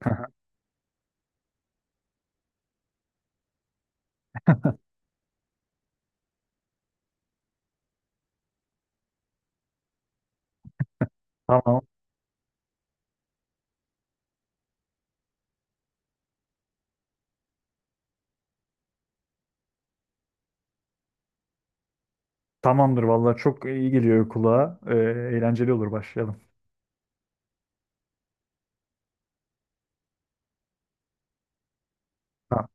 Tamam. Tamamdır vallahi çok iyi geliyor kulağa. Eğlenceli olur başlayalım. Ha.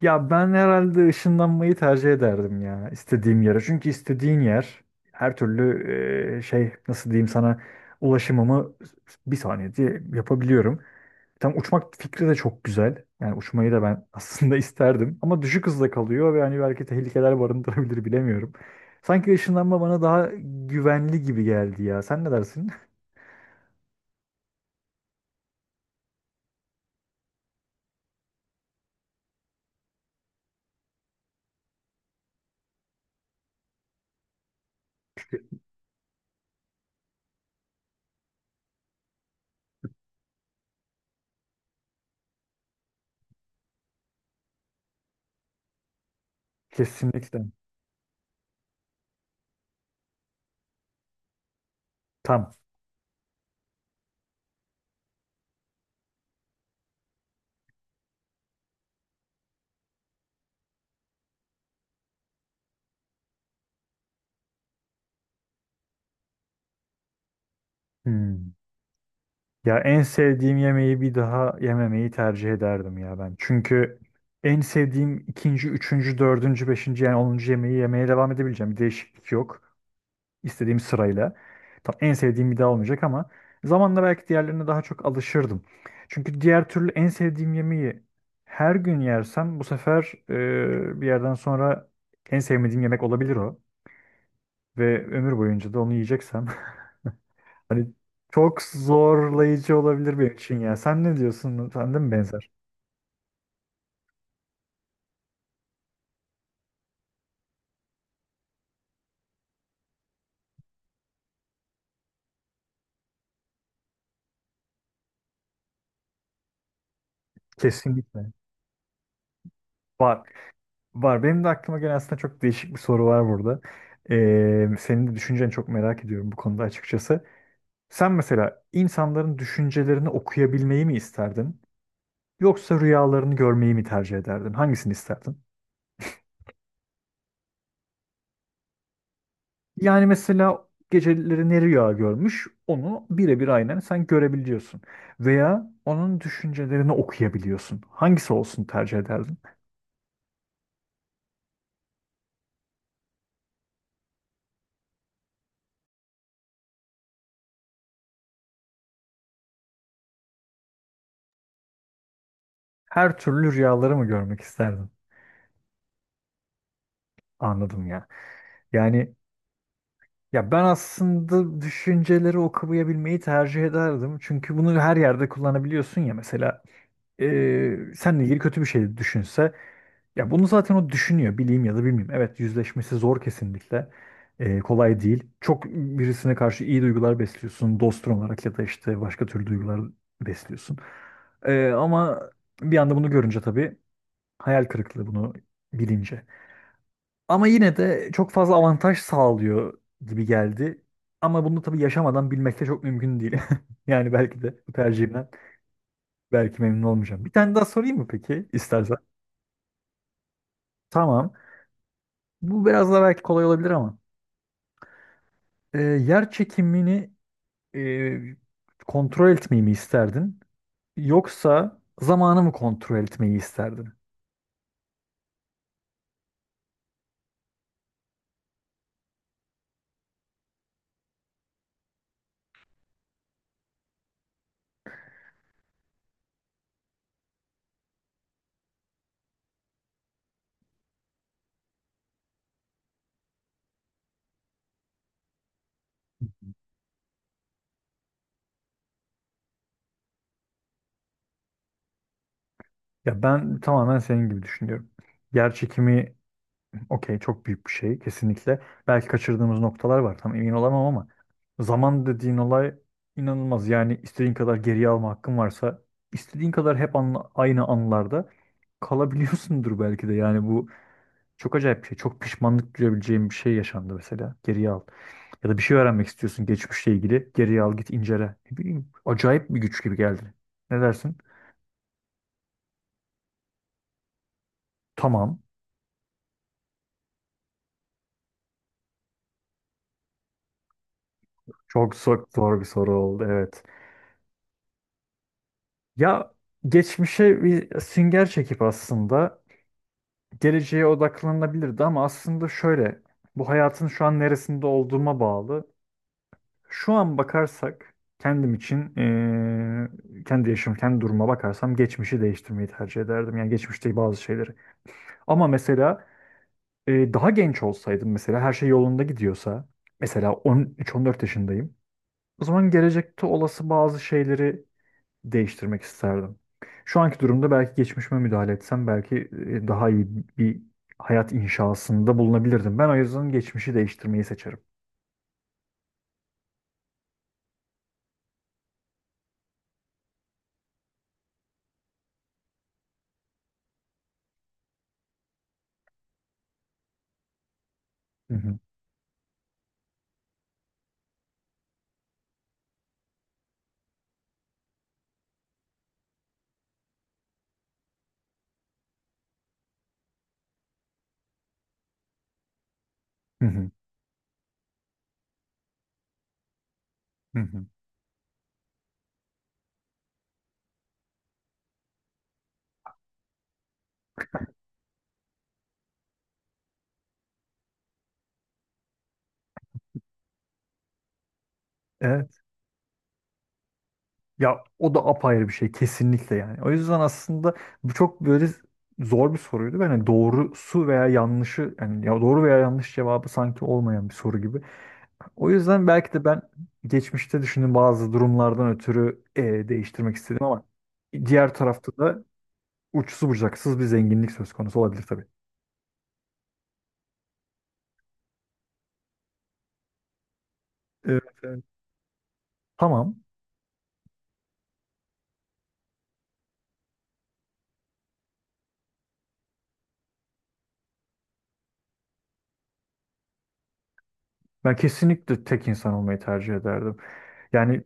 Ya ben herhalde ışınlanmayı tercih ederdim ya istediğim yere. Çünkü istediğin yer her türlü şey, nasıl diyeyim sana, ulaşımımı bir saniyede yapabiliyorum. Tam uçmak fikri de çok güzel. Yani uçmayı da ben aslında isterdim. Ama düşük hızda kalıyor ve hani belki tehlikeler barındırabilir, bilemiyorum. Sanki ışınlanma bana daha güvenli gibi geldi ya. Sen ne dersin? Kesinlikle. Tam. Hmm. Ya en sevdiğim yemeği bir daha yememeyi tercih ederdim ya ben. Çünkü en sevdiğim ikinci, üçüncü, dördüncü, beşinci yani onuncu yemeği yemeye devam edebileceğim. Bir değişiklik yok. İstediğim sırayla. Tam en sevdiğim bir daha olmayacak ama zamanla belki diğerlerine daha çok alışırdım. Çünkü diğer türlü en sevdiğim yemeği her gün yersem bu sefer bir yerden sonra en sevmediğim yemek olabilir o. Ve ömür boyunca da onu yiyeceksem hani çok zorlayıcı olabilir benim için ya. Sen ne diyorsun? Sende mi benzer? Kesinlikle. Var. Var. Benim de aklıma gelen aslında çok değişik bir soru var burada. Senin de düşünceni çok merak ediyorum bu konuda açıkçası. Sen mesela insanların düşüncelerini okuyabilmeyi mi isterdin? Yoksa rüyalarını görmeyi mi tercih ederdin? Hangisini isterdin? Yani mesela geceleri ne rüya görmüş onu birebir aynen sen görebiliyorsun. Veya onun düşüncelerini okuyabiliyorsun. Hangisi olsun tercih ederdin? Her türlü rüyaları mı görmek isterdin? Anladım ya. Yani ya ben aslında düşünceleri okuyabilmeyi tercih ederdim. Çünkü bunu her yerde kullanabiliyorsun ya, mesela seninle ilgili kötü bir şey düşünse, ya bunu zaten o düşünüyor bileyim ya da bilmeyeyim. Evet, yüzleşmesi zor kesinlikle. Kolay değil. Çok birisine karşı iyi duygular besliyorsun dostun olarak ya da işte başka türlü duygular besliyorsun. Ama bir anda bunu görünce tabii hayal kırıklığı, bunu bilince. Ama yine de çok fazla avantaj sağlıyor gibi geldi. Ama bunu tabii yaşamadan bilmek de çok mümkün değil. Yani belki de bu tercihimden belki memnun olmayacağım. Bir tane daha sorayım mı peki istersen? Tamam. Bu biraz daha belki kolay olabilir ama. Yer çekimini e, kontrol etmeyi mi isterdin? Yoksa zamanı mı kontrol etmeyi isterdin? Ya ben tamamen senin gibi düşünüyorum. Yer çekimi okey, çok büyük bir şey kesinlikle. Belki kaçırdığımız noktalar var tam emin olamam ama zaman dediğin olay inanılmaz. Yani istediğin kadar geriye alma hakkın varsa istediğin kadar hep aynı anlarda kalabiliyorsundur belki de. Yani bu çok acayip bir şey. Çok pişmanlık duyabileceğim bir şey yaşandı mesela. Geriye al. Ya da bir şey öğrenmek istiyorsun geçmişle ilgili. Geriye al, git incele. Ne bileyim, acayip bir güç gibi geldi. Ne dersin? Tamam. Çok zor, zor bir soru oldu. Evet. Ya geçmişe bir sünger çekip aslında geleceğe odaklanabilirdi ama aslında şöyle, bu hayatın şu an neresinde olduğuma bağlı. Şu an bakarsak kendim için kendi yaşım kendi duruma bakarsam geçmişi değiştirmeyi tercih ederdim. Yani geçmişte bazı şeyleri. Ama mesela daha genç olsaydım, mesela her şey yolunda gidiyorsa, mesela 13-14 yaşındayım. O zaman gelecekte olası bazı şeyleri değiştirmek isterdim. Şu anki durumda belki geçmişime müdahale etsem belki daha iyi bir hayat inşasında bulunabilirdim. Ben o yüzden geçmişi değiştirmeyi seçerim. Hı hı. Hı hı. Hı hı. Evet. Ya o da apayrı bir şey kesinlikle yani. O yüzden aslında bu çok böyle zor bir soruydu. Ben hani doğrusu veya yanlışı, yani ya doğru veya yanlış cevabı sanki olmayan bir soru gibi. O yüzden belki de ben geçmişte düşündüğüm bazı durumlardan ötürü değiştirmek istedim ama diğer tarafta da uçsuz bucaksız bir zenginlik söz konusu olabilir tabii. Evet, evet. Tamam. Ben kesinlikle tek insan olmayı tercih ederdim. Yani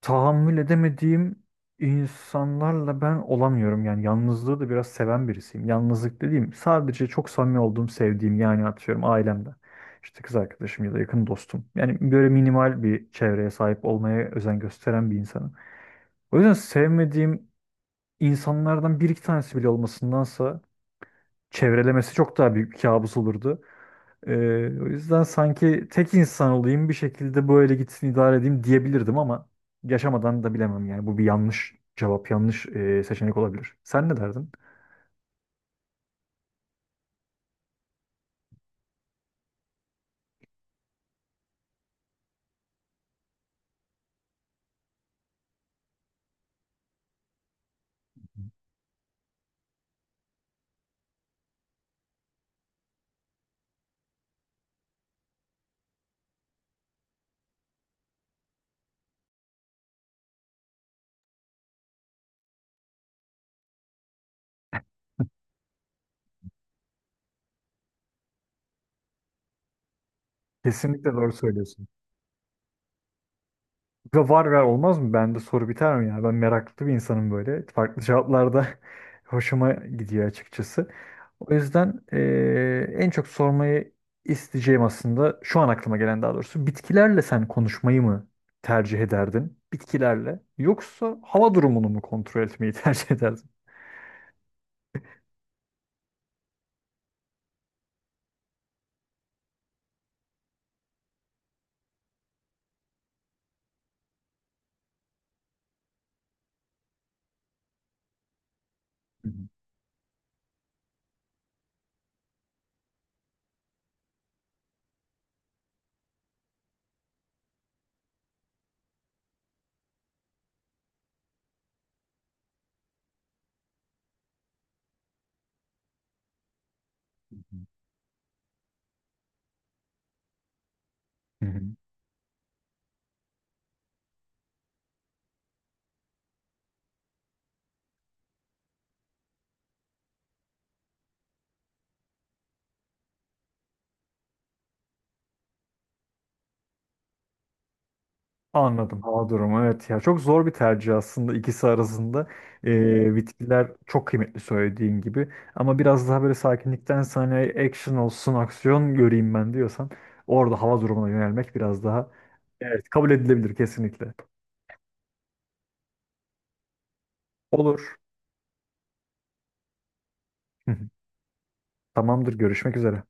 tahammül edemediğim insanlarla ben olamıyorum. Yani yalnızlığı da biraz seven birisiyim. Yalnızlık dediğim sadece çok samimi olduğum, sevdiğim, yani atıyorum ailemden. İşte kız arkadaşım ya da yakın dostum. Yani böyle minimal bir çevreye sahip olmaya özen gösteren bir insanım. O yüzden sevmediğim insanlardan bir iki tanesi bile olmasındansa çevrelemesi çok daha büyük bir kabus olurdu. Ee, O yüzden sanki tek insan olayım bir şekilde böyle gitsin idare edeyim diyebilirdim ama yaşamadan da bilemem, yani bu bir yanlış cevap, yanlış seçenek olabilir. Sen ne derdin? Kesinlikle doğru söylüyorsun. Kanka var, ver olmaz mı? Bende soru biter mi ya? Ben meraklı bir insanım böyle. Farklı cevaplarda hoşuma gidiyor açıkçası. O yüzden en çok sormayı isteyeceğim aslında şu an aklıma gelen, daha doğrusu. Bitkilerle sen konuşmayı mı tercih ederdin? Bitkilerle. Yoksa hava durumunu mu kontrol etmeyi tercih ederdin? Hı hı. Anladım. Hava durumu, evet ya, çok zor bir tercih aslında ikisi arasında. Bitkiler çok kıymetli söylediğin gibi ama biraz daha böyle sakinlikten sana action olsun, aksiyon göreyim ben diyorsan orada hava durumuna yönelmek biraz daha, evet, kabul edilebilir kesinlikle. Olur. Tamamdır, görüşmek üzere.